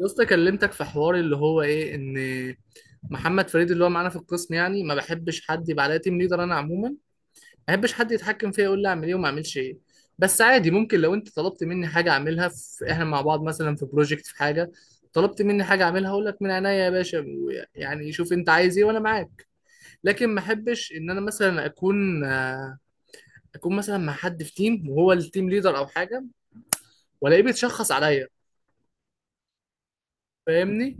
يا اسطى كلمتك في حوار اللي هو ايه ان محمد فريد اللي هو معانا في القسم، يعني ما بحبش حد يبقى عليا تيم ليدر. انا عموما ما بحبش حد يتحكم فيا يقول لي اعمل ايه وما اعملش ايه. بس عادي، ممكن لو انت طلبت مني حاجه اعملها، في احنا مع بعض مثلا في بروجكت، في حاجه طلبت مني حاجه اعملها اقول لك من عينيا يا باشا. يعني شوف انت عايز ايه وانا معاك. لكن ما احبش ان انا مثلا اكون اكون مثلا مع حد في تيم وهو التيم ليدر او حاجه، والاقيه بيتشخص عليا. فاهمني.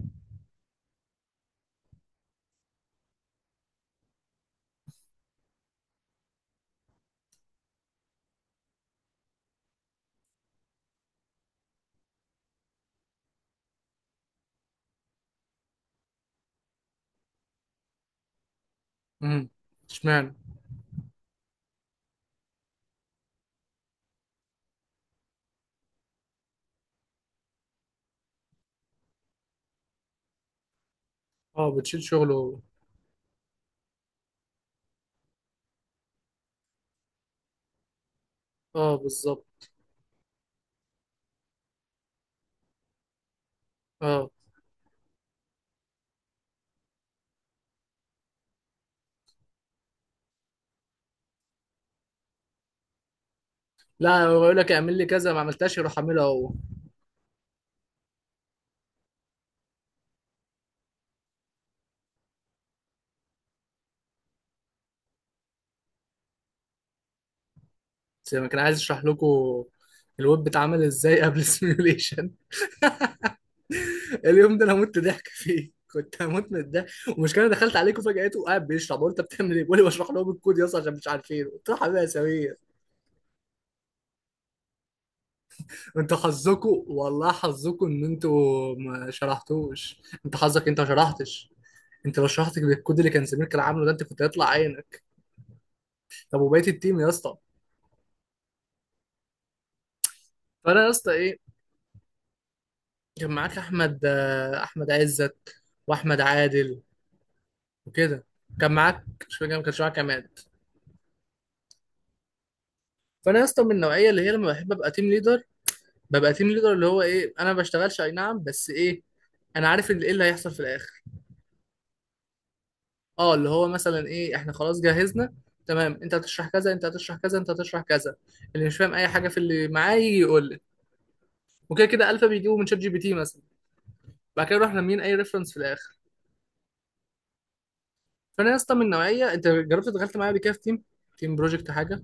امم، اشمعنى. اه بتشيل شغله هو. اه بالظبط. اه، لا هو يقول لك اعمل لي كذا، ما عملتهاش يروح اعملها هو. زي ما كان عايز اشرح لكم الويب بيتعمل ازاي قبل السيميوليشن. اليوم ده انا مت ضحك فيه، كنت هموت من الضحك، والمشكله أنا دخلت عليكم فجأته قاعد بيشرح، بقول انت بتعمل ايه؟ بيقول لي بشرح لهم الكود يا اسطى عشان مش عارفين. قلت له حبيبي يا سمير، انت حظكم والله، حظكم ان انتوا ما شرحتوش، انت حظك انت ما شرحتش. انت لو شرحت بالكود اللي كان سمير كان عامله ده، انت كنت هيطلع عينك. طب وبقيه التيم يا اسطى، فانا يا اسطى ايه. كان معاك احمد احمد عزت واحمد عادل وكده. كان معاك، مش فاكر، ما كانش معاك عماد. فانا يا اسطى من النوعيه اللي هي لما بحب ابقى تيم ليدر، ببقى تيم ليدر اللي هو ايه، انا ما بشتغلش اي نعم، بس ايه، انا عارف اللي ايه اللي هيحصل في الاخر. اه اللي هو مثلا ايه، احنا خلاص جهزنا تمام، انت هتشرح كذا، انت هتشرح كذا، انت هتشرح كذا. اللي مش فاهم اي حاجه في اللي معاه يجي يقول لي، وكده كده الفا بيجيبه من شات جي بي تي مثلا. بعد كده نروح لامين اي ريفرنس في الاخر. فانا يا اسطى من نوعيه، انت جربت دخلت معايا قبل كده في تيم، بروجكت حاجه.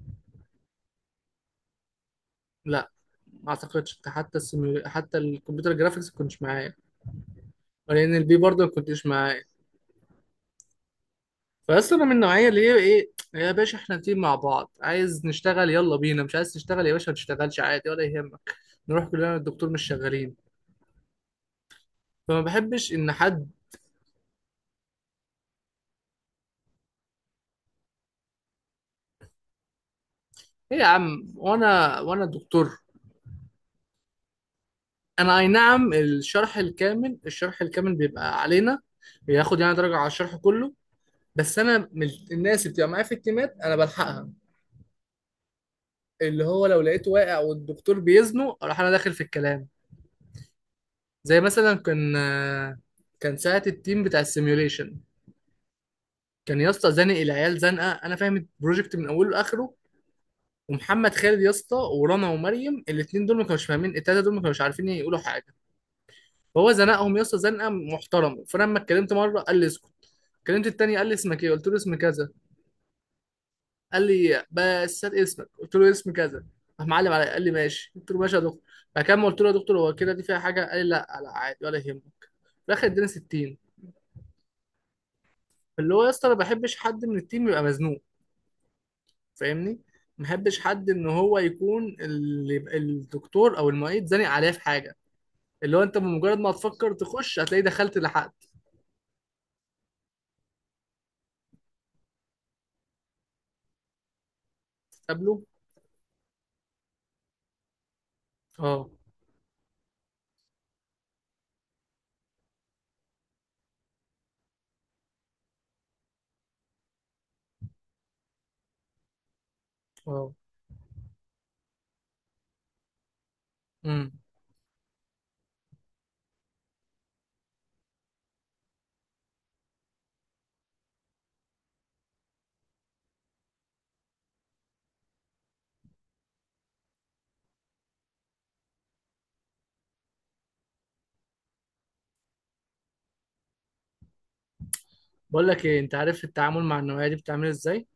لا ما اعتقدش، حتى السيميو... حتى الكمبيوتر جرافيكس ما كنتش معايا، ولان البي برضه ما كنتش معايا. فاصل، انا من النوعيه اللي هي ايه، يا باشا احنا تيم مع بعض، عايز نشتغل يلا بينا، مش عايز تشتغل يا باشا ما تشتغلش عادي ولا يهمك، نروح كلنا الدكتور مش شغالين. فما بحبش ان حد، ايه يا عم وانا دكتور. انا اي نعم، الشرح الكامل بيبقى علينا، بياخد يعني درجه على الشرح كله. بس انا من الناس اللي بتبقى معايا في التيمات انا بلحقها. اللي هو لو لقيته واقع والدكتور بيزنه اروح انا داخل في الكلام. زي مثلا كان ساعة التيم بتاع السيميوليشن، كان يا اسطى زانق العيال زنقه، انا فاهم البروجكت من اوله لاخره. ومحمد خالد يا اسطى ورنا ومريم، الاثنين دول ما كانوش فاهمين، التلاته دول ما كانوش عارفين يقولوا حاجه. فهو زنقهم يا اسطى زنقه محترمه، فانا لما اتكلمت مره قال لي اسكت. كلمت التاني قال لي اسمك ايه، قلت له اسم كذا. قال لي بس هات اسمك، قلت له اسم كذا. راح معلم عليا، قال لي ماشي، قلت له ماشي يا دكتور. فكان قلت له يا دكتور هو كده دي فيها حاجه، قال لي لا عادي ولا يهمك. في الاخر اداني 60. اللي هو يا اسطى انا ما بحبش حد من التيم يبقى مزنوق. فاهمني. ما بحبش حد ان هو يكون اللي الدكتور او المعيد زانق عليه في حاجه. اللي هو انت بمجرد ما تفكر تخش هتلاقي دخلت لحقت. قبله. اه اه. امم. بقول لك ايه، انت عارف التعامل مع النوعيه دي بتعمل ازاي؟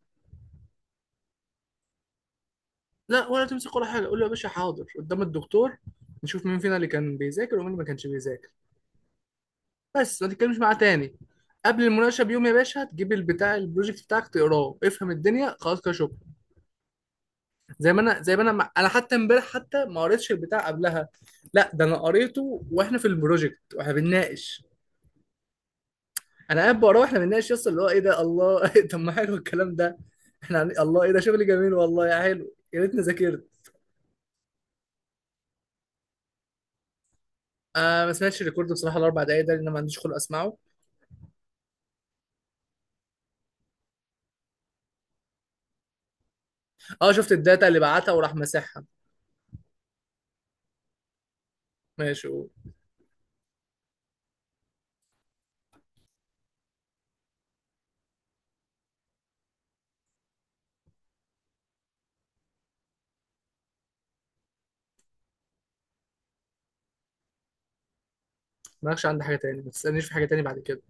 لا ولا تمسك ولا حاجه، قول له يا باشا حاضر، قدام الدكتور نشوف مين فينا اللي كان بيذاكر ومين اللي ما كانش بيذاكر. بس ما تتكلمش معاه تاني. قبل المناقشه بيوم يا باشا تجيب البتاع البروجكت بتاعك تقراه، افهم الدنيا، خلاص كده شكرا. زي ما انا مع... انا حتى امبارح حتى ما قريتش البتاع قبلها. لا ده انا قريته واحنا في البروجكت واحنا بنناقش. انا قاعد بقراه واحنا بنناقش، يس اللي هو ايه ده، الله. طب ما حلو الكلام ده. احنا عن- الله ايه ده، شغل جميل والله، يا حلو يا ريتني ذاكرت. آه ما سمعتش الريكورد بصراحه، الاربع دقايق ده لان ما عنديش خلق اسمعه. اه شفت الداتا اللي بعتها وراح مسحها. ماشي قول. مالكش عندي حاجه تاني، ما تسالنيش في حاجه تاني بعد كده.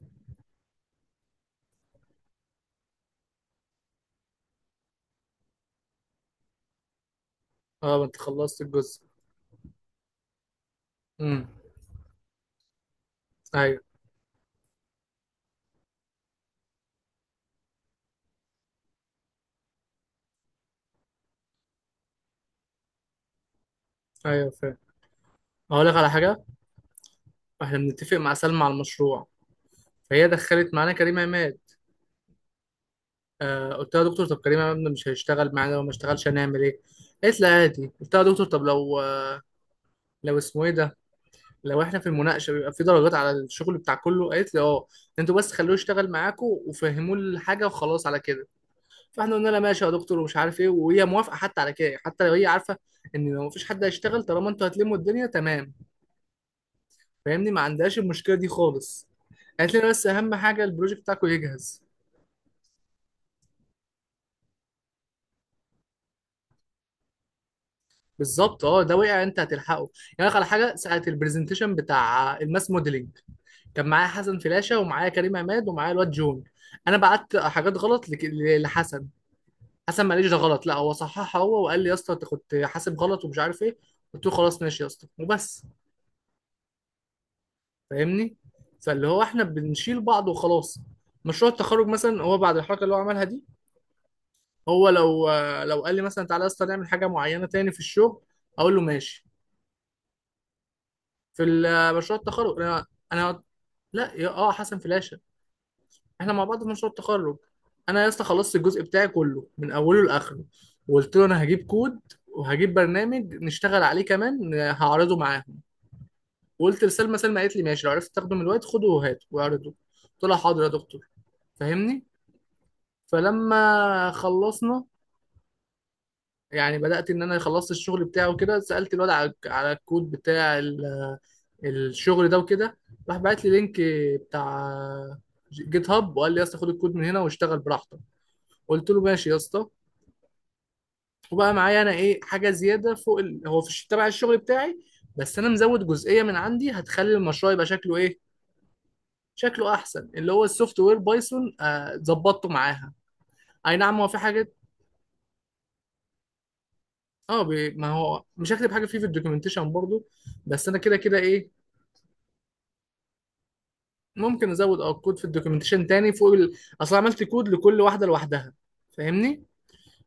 اه ما انت خلصت الجزء. امم. ايوه. ايوه فاهم. اقول لك على حاجه، احنا بنتفق مع سلمى على المشروع، فهي دخلت معانا كريم عماد. آه قلت لها يا دكتور طب كريم عماد مش هيشتغل معانا، لو ما اشتغلش هنعمل ايه. قالت لي عادي. قلت لها يا دكتور طب لو اسمه ايه ده، لو احنا في المناقشه بيبقى في درجات على الشغل بتاع كله، قالت لي اه انتوا بس خلوه يشتغل معاكم وفهموه الحاجه وخلاص على كده. فاحنا قلنا لها ماشي يا دكتور ومش عارف ايه، وهي موافقه حتى على كده، حتى لو هي عارفه ان لو مفيش حد هيشتغل طالما انتوا هتلموا الدنيا تمام. فاهمني، ما عندهاش المشكله دي خالص. قالت لنا بس اهم حاجه البروجكت بتاعكم يجهز. بالظبط اه، ده وقع انت هتلحقه. يعني أقول لك على حاجه، ساعه البرزنتيشن بتاع الماس موديلنج، كان معايا حسن فلاشه ومعايا كريم عماد ومعايا الواد جون. انا بعت حاجات غلط لك- لحسن. حسن ما قاليش ده غلط، لا هو صححها هو وقال لي يا اسطى انت كنت حاسب غلط ومش عارف ايه. قلت له خلاص ماشي يا اسطى وبس. فاهمني. فاللي هو احنا بنشيل بعض وخلاص. مشروع التخرج مثلا، هو بعد الحركه اللي هو عملها دي، هو لو لو قال لي مثلا تعالى يا اسطى نعمل حاجه معينه تاني في الشغل اقول له ماشي. مشروع التخرج انا لا يا اه حسن فلاشه، احنا مع بعض في مشروع التخرج. انا يا اسطى خلصت الجزء بتاعي كله من اوله لاخره، وقلت له انا هجيب كود وهجيب برنامج نشتغل عليه كمان هعرضه معاهم. وقلت لسلمى، سلمى قالت لي ماشي لو عرفت تاخده من الوقت خده وهاته واعرضه. قلت لها حاضر يا دكتور. فاهمني. فلما خلصنا، يعني بدأت إن أنا خلصت الشغل بتاعه وكده، سألت الواد على الكود بتاع الشغل ده وكده. راح بعت لي لينك بتاع جيت هاب، وقال لي يا اسطى خد الكود من هنا واشتغل براحتك. قلت له ماشي يا اسطى. وبقى معايا أنا إيه حاجة زيادة فوق ال... هو في الش- تبع الشغل بتاعي، بس أنا مزود جزئية من عندي هتخلي المشروع يبقى شكله إيه، شكله أحسن. اللي هو السوفت وير بايثون ظبطته معاها. أي نعم هو في حاجات، اه بي- ما هو مش هكتب حاجه فيه في الدوكيومنتيشن برضو، بس انا كده كده ايه، ممكن ازود اه كود في الدوكيومنتيشن تاني فوق ال... اصل عملت كود لكل واحده لوحدها. فاهمني.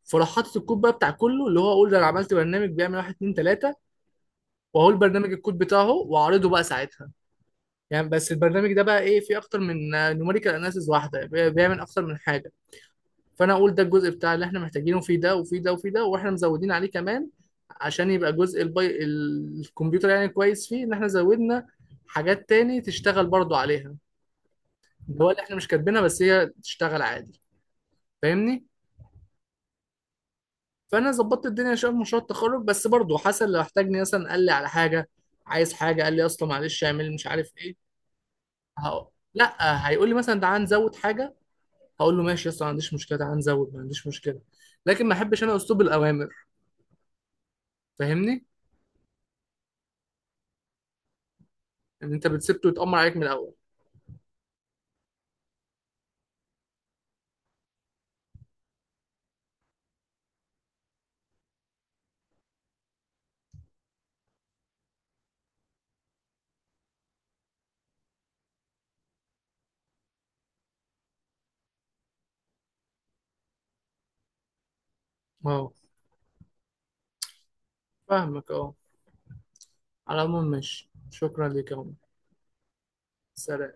فراح حاطط الكود بقى بتاع كله، اللي هو اقول ده انا عملت برنامج بيعمل 1 2 3، واقول برنامج الكود بتاعه واعرضه بقى ساعتها. يعني بس البرنامج ده بقى ايه، فيه اكتر من نوميريكال اناليسيز، واحده بي- بيعمل اكتر من حاجه. فانا اقول ده الجزء بتاع اللي احنا محتاجينه في ده وفي ده وفي ده، واحنا مزودين عليه كمان عشان يبقى جزء البي... الكمبيوتر يعني كويس فيه ان احنا زودنا حاجات تاني تشتغل برضو عليها. اللي هو اللي احنا مش كاتبينها بس هي تشتغل عادي. فاهمني. فانا ظبطت الدنيا شويه في مشروع التخرج، بس برضو حسن لو احتاجني مثلا قال لي على حاجه عايز حاجه، قال لي اصلا معلش اعمل مش عارف ايه، هقول، لا هيقول لي مثلا تعال نزود حاجه، هقول له ماشي اصلا ما عنديش مشكله، تعال نزود ما عنديش مشكله. لكن ما احبش انا اسلوب الاوامر. فاهمني. ان انت بتسبته يتأمر عليك من الاول. اه فاهمك اه. على العموم ماشي، شكرا ليك يا عمر. سلام.